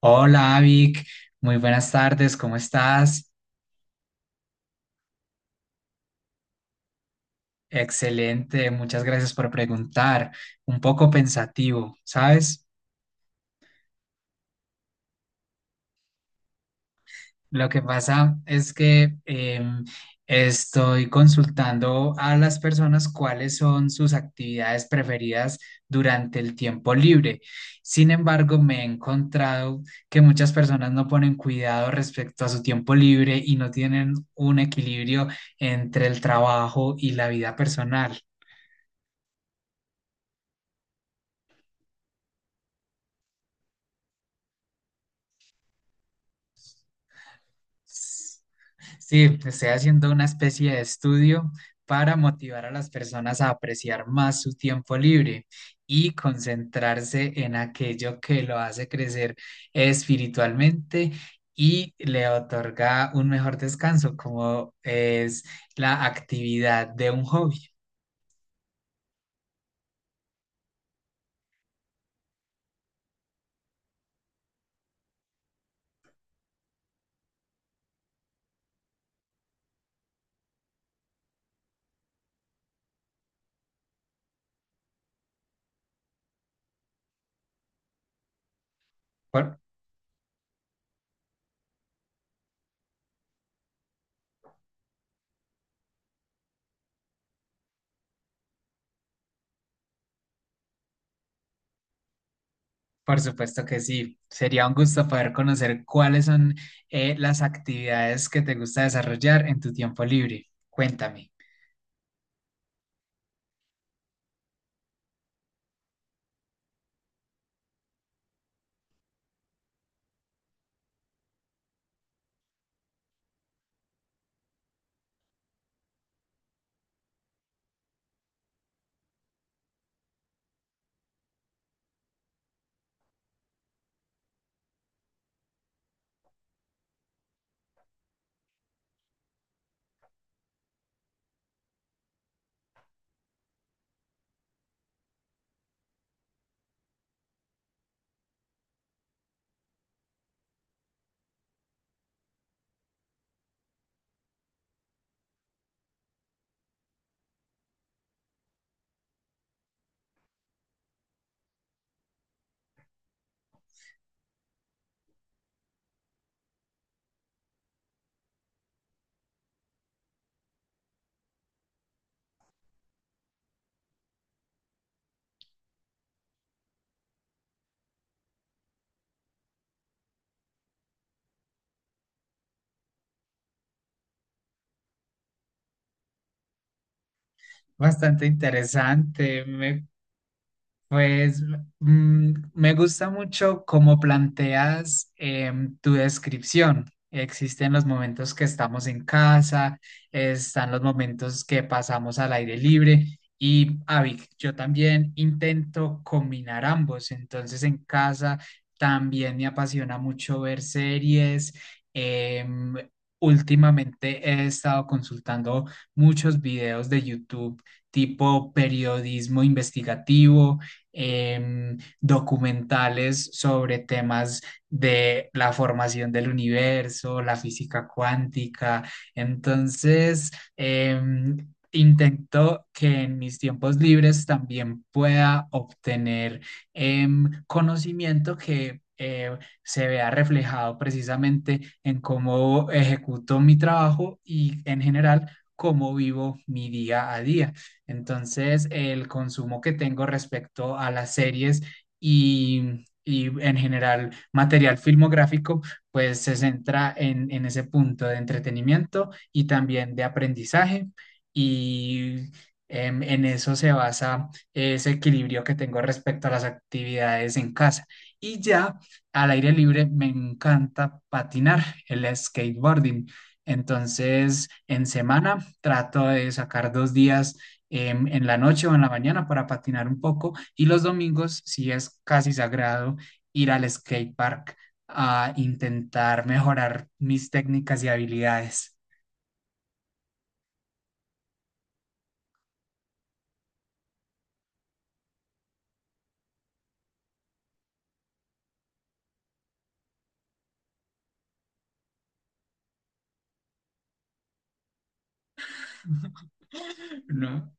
Hola, Avic. Muy buenas tardes. ¿Cómo estás? Excelente. Muchas gracias por preguntar. Un poco pensativo, ¿sabes? Lo que pasa es que estoy consultando a las personas cuáles son sus actividades preferidas durante el tiempo libre. Sin embargo, me he encontrado que muchas personas no ponen cuidado respecto a su tiempo libre y no tienen un equilibrio entre el trabajo y la vida personal. Sí, estoy haciendo una especie de estudio para motivar a las personas a apreciar más su tiempo libre y concentrarse en aquello que lo hace crecer espiritualmente y le otorga un mejor descanso, como es la actividad de un hobby. Por, por supuesto que sí. Sería un gusto poder conocer cuáles son las actividades que te gusta desarrollar en tu tiempo libre. Cuéntame. Bastante interesante. Pues me gusta mucho cómo planteas tu descripción. Existen los momentos que estamos en casa, están los momentos que pasamos al aire libre y, Avic, yo también intento combinar ambos. Entonces, en casa también me apasiona mucho ver series. em, Últimamente he estado consultando muchos videos de YouTube tipo periodismo investigativo, documentales sobre temas de la formación del universo, la física cuántica. Entonces, em, intento que en mis tiempos libres también pueda obtener conocimiento que se vea reflejado precisamente en cómo ejecuto mi trabajo y en general cómo vivo mi día a día. Entonces, el consumo que tengo respecto a las series y en general material filmográfico, pues se centra en ese punto de entretenimiento y también de aprendizaje. Y en eso se basa ese equilibrio que tengo respecto a las actividades en casa. Y ya al aire libre me encanta patinar, el skateboarding. Entonces, en semana trato de sacar 2 días, en la noche o en la mañana, para patinar un poco, y los domingos sí es casi sagrado ir al skate park a intentar mejorar mis técnicas y habilidades. ¿No?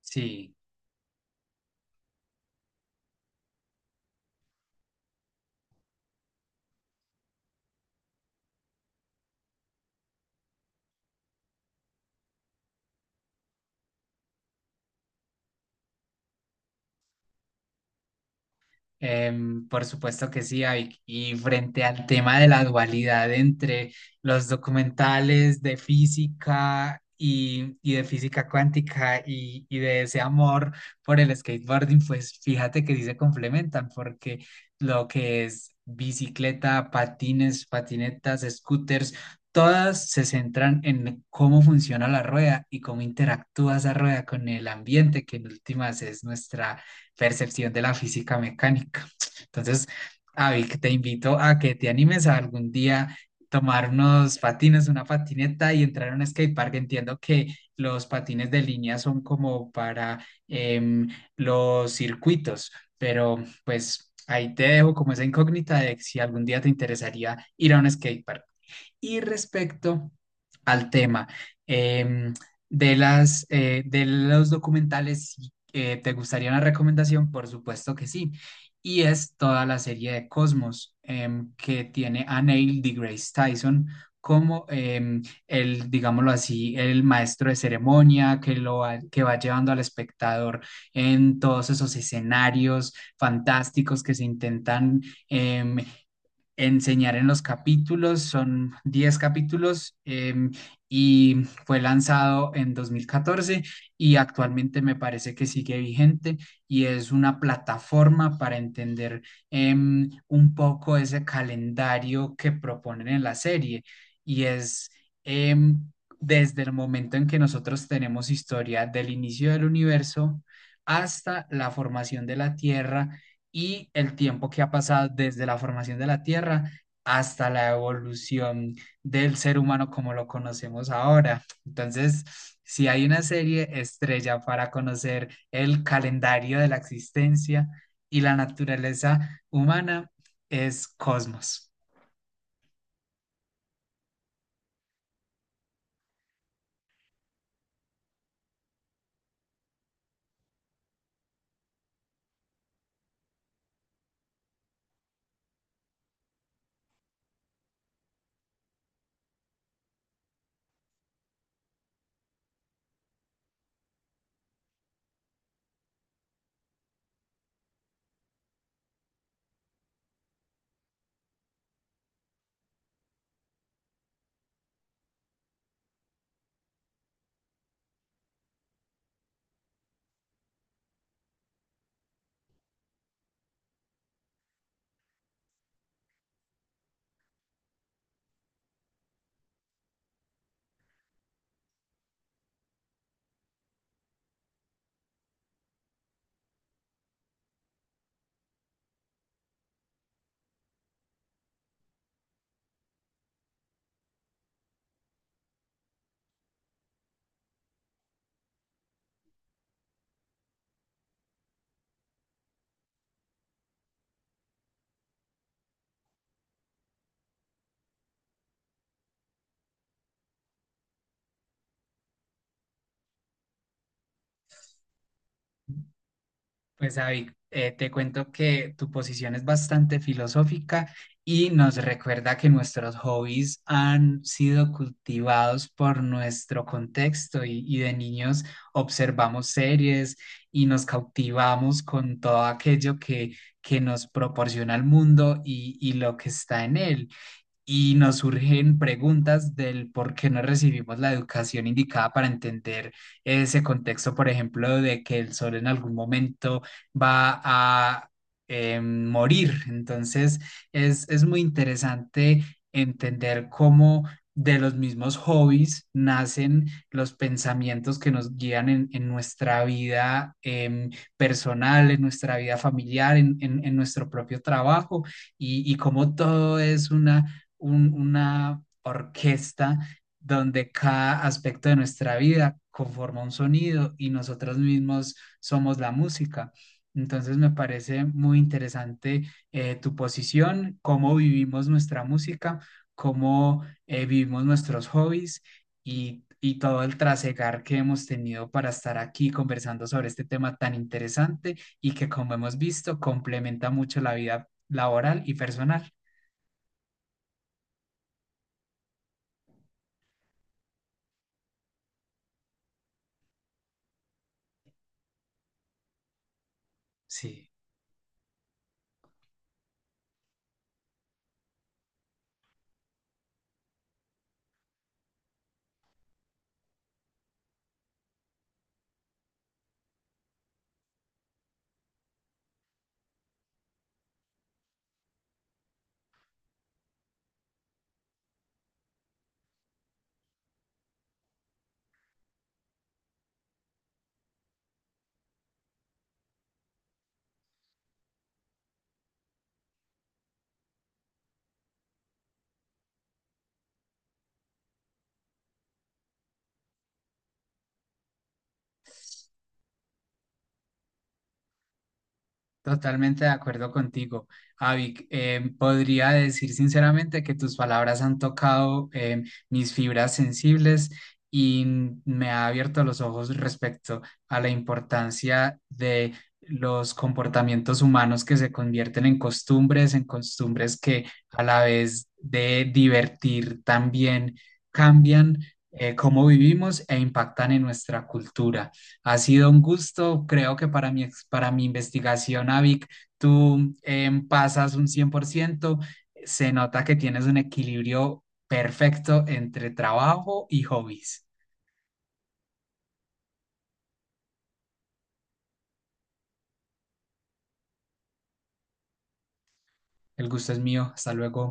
Sí. Por supuesto que sí, Avic. Y frente al tema de la dualidad entre los documentales de física y de física cuántica y de ese amor por el skateboarding, pues fíjate que sí se complementan porque lo que es bicicleta, patines, patinetas, scooters, todas se centran en cómo funciona la rueda y cómo interactúa esa rueda con el ambiente, que en últimas es nuestra percepción de la física mecánica. Entonces, Avi, te invito a que te animes a algún día tomar unos patines, una patineta y entrar a un skatepark. Entiendo que los patines de línea son como para los circuitos, pero pues ahí te dejo como esa incógnita de si algún día te interesaría ir a un skatepark. Y respecto al tema, em, de los documentales, si, ¿te gustaría una recomendación? Por supuesto que sí. Y es toda la serie de Cosmos, que tiene a Neil deGrasse Tyson como, el, digámoslo así, el maestro de ceremonia que va llevando al espectador en todos esos escenarios fantásticos que se intentan em, enseñar en los capítulos. Son 10 capítulos, y fue lanzado en 2014 y actualmente me parece que sigue vigente, y es una plataforma para entender un poco ese calendario que proponen en la serie. y es... em, Desde el momento en que nosotros tenemos historia del inicio del universo hasta la formación de la Tierra, y el tiempo que ha pasado desde la formación de la Tierra hasta la evolución del ser humano como lo conocemos ahora. Entonces, si hay una serie estrella para conocer el calendario de la existencia y la naturaleza humana, es Cosmos. Pues, David, te cuento que tu posición es bastante filosófica y nos recuerda que nuestros hobbies han sido cultivados por nuestro contexto, y de niños observamos series y nos cautivamos con todo aquello que nos proporciona el mundo y lo que está en él, y nos surgen preguntas del por qué no recibimos la educación indicada para entender ese contexto, por ejemplo, de que el sol en algún momento va a morir. Entonces, es muy interesante entender cómo de los mismos hobbies nacen los pensamientos que nos guían en nuestra vida personal, en nuestra vida familiar, en nuestro propio trabajo, y cómo todo es una orquesta donde cada aspecto de nuestra vida conforma un sonido y nosotros mismos somos la música. Entonces me parece muy interesante tu posición, cómo vivimos nuestra música, cómo vivimos nuestros hobbies, y todo el trasegar que hemos tenido para estar aquí conversando sobre este tema tan interesante y que, como hemos visto, complementa mucho la vida laboral y personal. Sí. Totalmente de acuerdo contigo, Avic. Podría decir sinceramente que tus palabras han tocado, mis fibras sensibles, y me ha abierto los ojos respecto a la importancia de los comportamientos humanos que se convierten en costumbres que a la vez de divertir también cambian cómo vivimos e impactan en nuestra cultura. Ha sido un gusto. Creo que para mi investigación, Avic, tú, pasas un 100%. Se nota que tienes un equilibrio perfecto entre trabajo y hobbies. El gusto es mío, hasta luego.